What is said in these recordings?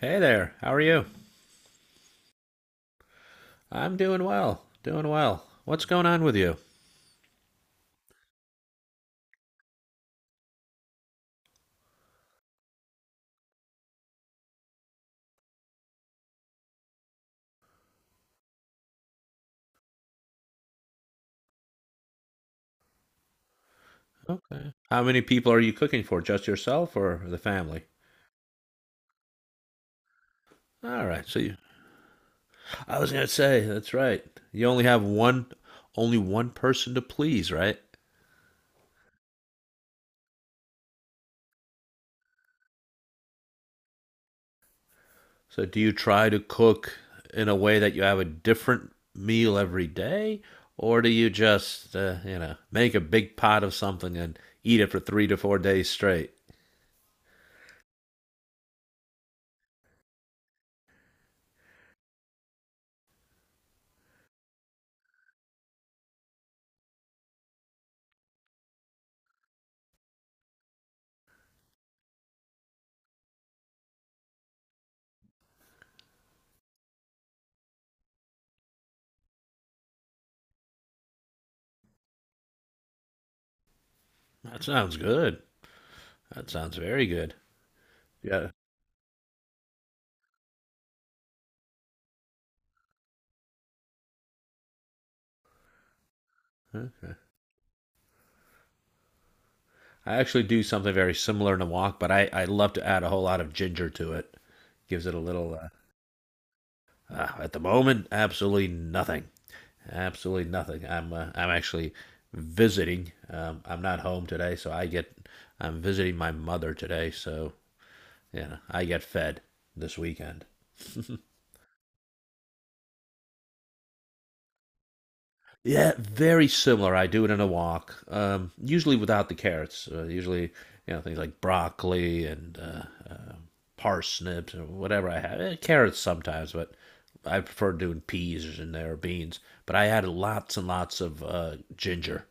Hey there, how are you? I'm doing well, doing well. What's going on with you? Okay. How many people are you cooking for? Just yourself or the family? All right. So you, I was gonna say, that's right. You only have one, only one person to please, right? So do you try to cook in a way that you have a different meal every day, or do you just, you know, make a big pot of something and eat it for three to four days straight? That sounds good. That sounds very good. Yeah. I actually do something very similar in a wok, but I love to add a whole lot of ginger to it. Gives it a little. At the moment, absolutely nothing. Absolutely nothing. I'm actually visiting. I'm not home today, so I get. I'm visiting my mother today, so yeah, I get fed this weekend. Yeah, very similar. I do it in a wok, usually without the carrots. Usually, you know, things like broccoli and uh, parsnips or whatever I have. Eh, carrots sometimes, but I prefer doing peas in there or beans. But I add lots and lots of ginger.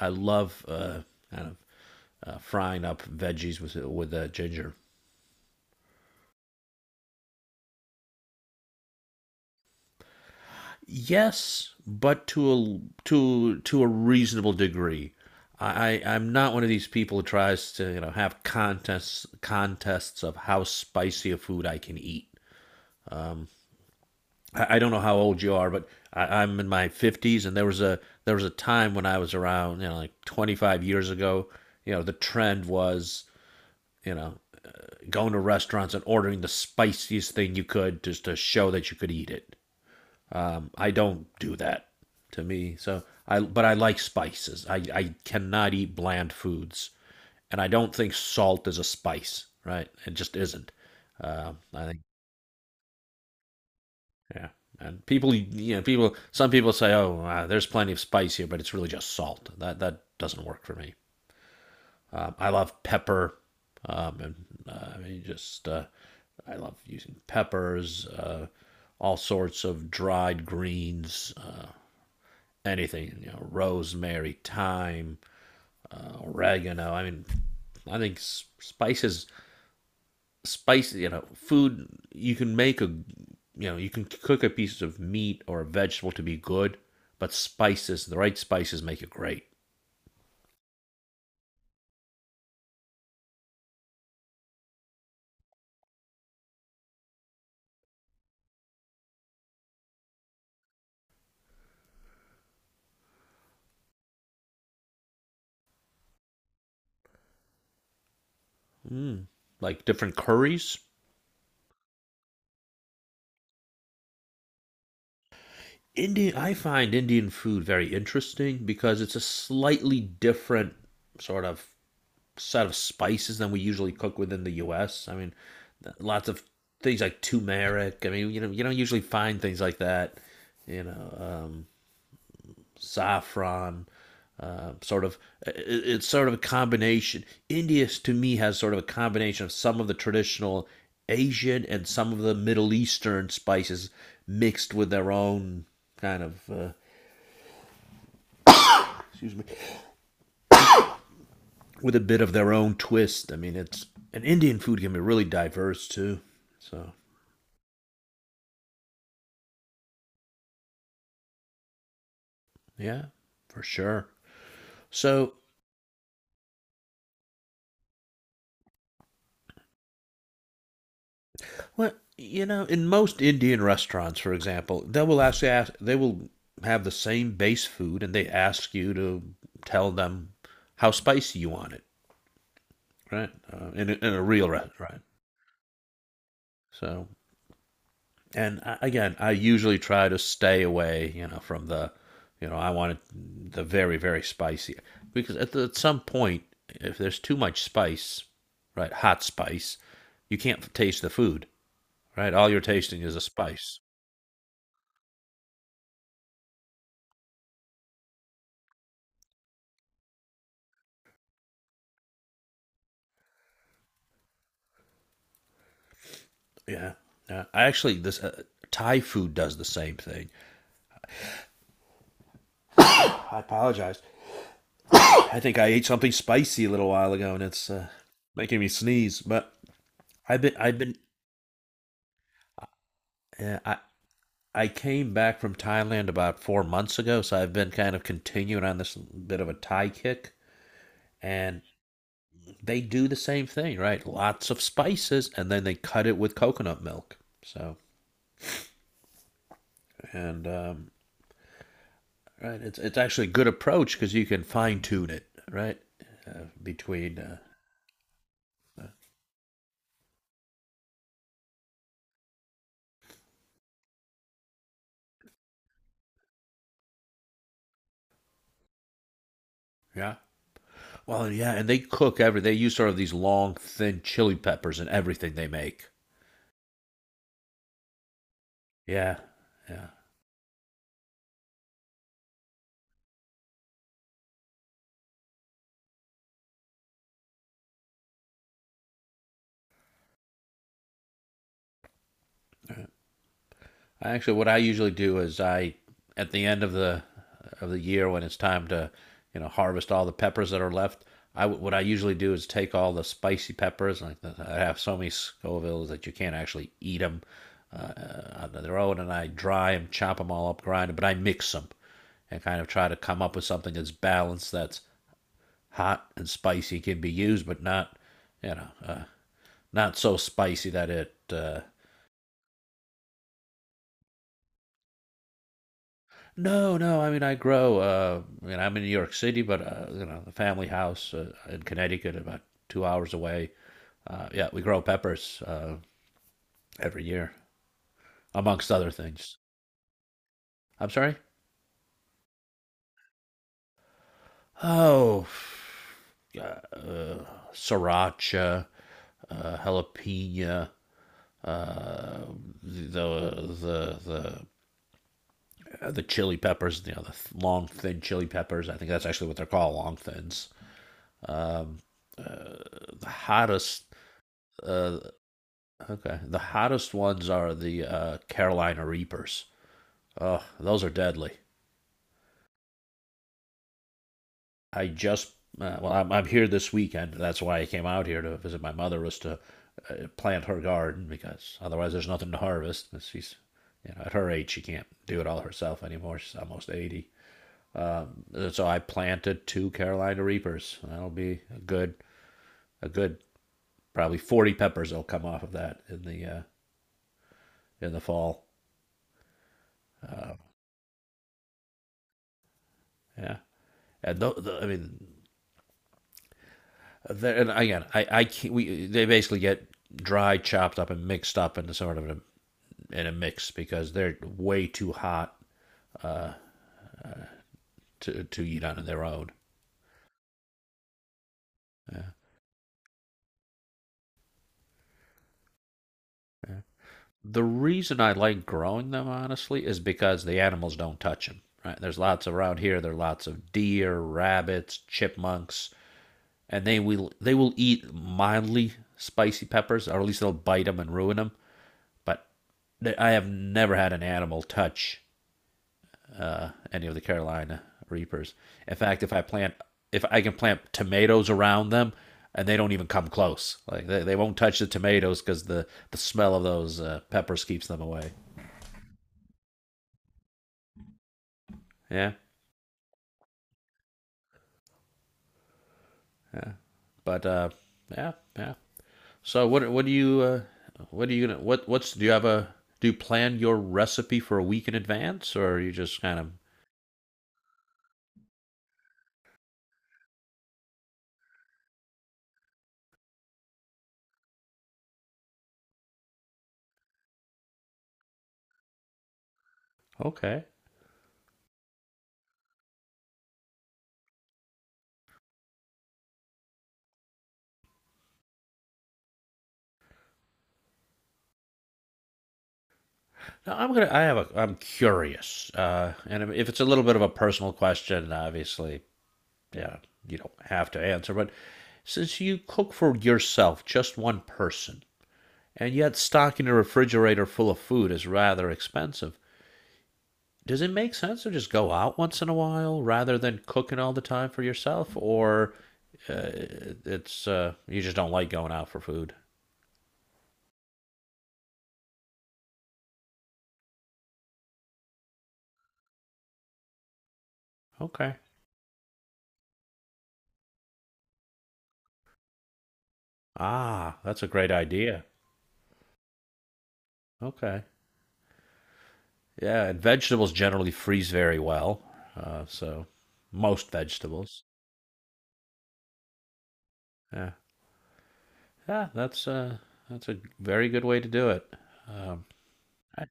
I love kind of frying up veggies with ginger. Yes, but to a to a reasonable degree. Am not one of these people who tries to, you know, have contests of how spicy a food I can eat. I don't know how old you are, but I'm in my 50s, and there was a time when I was around, you know, like 25 years ago. You know, the trend was, you know, going to restaurants and ordering the spiciest thing you could just to show that you could eat it. I don't do that to me. So I, but I like spices. I cannot eat bland foods, and I don't think salt is a spice. Right? It just isn't. I think yeah. And people, you know, people. Some people say, "Oh, there's plenty of spice here, but it's really just salt." That doesn't work for me. I love pepper, and I mean, just I love using peppers, all sorts of dried greens. Anything, you know, rosemary, thyme, oregano. I mean, I think spice, you know, food, you can make a, you know, you can cook a piece of meat or a vegetable to be good, but spices, the right spices make it great. Mm. Like different curries. Indian, I find Indian food very interesting because it's a slightly different sort of set of spices than we usually cook within the U.S. I mean, lots of things like turmeric. I mean, you know, you don't usually find things like that. You know, saffron. Uh, sort of, it's sort of a combination. India, to me, has sort of a combination of some of the traditional Asian and some of the Middle Eastern spices mixed with their own kind of, with a bit of their own twist. I mean, it's and Indian food can be really diverse too. So yeah, for sure. So, well, you know, in most Indian restaurants, for example, they will ask, they will have the same base food, and they ask you to tell them how spicy you want it, right? In a real restaurant. So, and I, again, I usually try to stay away, you know, from you know, I want it the very spicy because at some point, if there's too much spice, right, hot spice, you can't taste the food, right? All you're tasting is a spice. Yeah. Yeah. I actually this Thai food does the same thing. I apologize. I think I ate something spicy a little while ago and it's making me sneeze. But I've been I've been uh, I I came back from Thailand about four months ago, so I've been kind of continuing on this bit of a Thai kick. And they do the same thing, right? Lots of spices, and then they cut it with coconut milk. So, and right, it's actually a good approach because you can fine tune it, right, between Yeah. Well, yeah, and they cook every. They use sort of these long, thin chili peppers in everything they make. Yeah, yeah. I actually, what I usually do is I, at the end of the year when it's time to, you know, harvest all the peppers that are left. I, what I usually do is take all the spicy peppers. Like the, I have so many Scovilles that you can't actually eat them on their own, and I dry them, chop them all up, grind them, but I mix them, and kind of try to come up with something that's balanced. That's hot and spicy can be used, but not you know not so spicy that it. No, no. I mean, I grow. I mean, I'm in New York City, but you know, the family house in Connecticut, about two hours away. Yeah, we grow peppers every year, amongst other things. I'm sorry. Oh, uh, uh, sriracha, jalapeno, uh, the the the the chili peppers, you know, the long thin chili peppers. I think that's actually what they're called, long thins. Um, uh, the hottest, uh, okay, the hottest ones are the Carolina Reapers. Oh, those are deadly. I just, well, I'm here this weekend. That's why I came out here to visit my mother was to plant her garden because otherwise there's nothing to harvest. She's, you know, at her age she can't do it all herself anymore. She's almost 80. Um, so I planted two Carolina Reapers. That'll be a good, probably 40 peppers will come off of that in the fall. Uh, yeah, the, I mean, and again, I can't, we they basically get dry, chopped up, and mixed up into sort of a, in a mix because they're way too hot uh, to eat on their own. Yeah. The reason I like growing them, honestly, is because the animals don't touch them. Right? There's lots around here. There are lots of deer, rabbits, chipmunks, and they will eat mildly spicy peppers, or at least they'll bite them and ruin them. But they, I have never had an animal touch any of the Carolina reapers. In fact, if I can plant tomatoes around them, and they don't even come close. Like they won't touch the tomatoes because the smell of those peppers keeps them away. Yeah. But yeah, yeah. So what do you what are you gonna what what's do you have a do you plan your recipe for a week in advance or are you just kind of okay? Now I'm gonna I have a I'm curious and if it's a little bit of a personal question, obviously, yeah, you don't have to answer. But since you cook for yourself, just one person, and yet stocking a refrigerator full of food is rather expensive. Does it make sense to just go out once in a while rather than cooking all the time for yourself or uh, it's you just don't like going out for food okay ah that's a great idea okay yeah and vegetables generally freeze very well so most vegetables yeah yeah that's a very good way to do it um, I-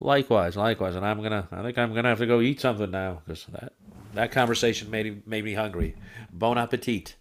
likewise, likewise, and I'm gonna, I think I'm gonna have to go eat something now because that conversation made me hungry. Bon appetit.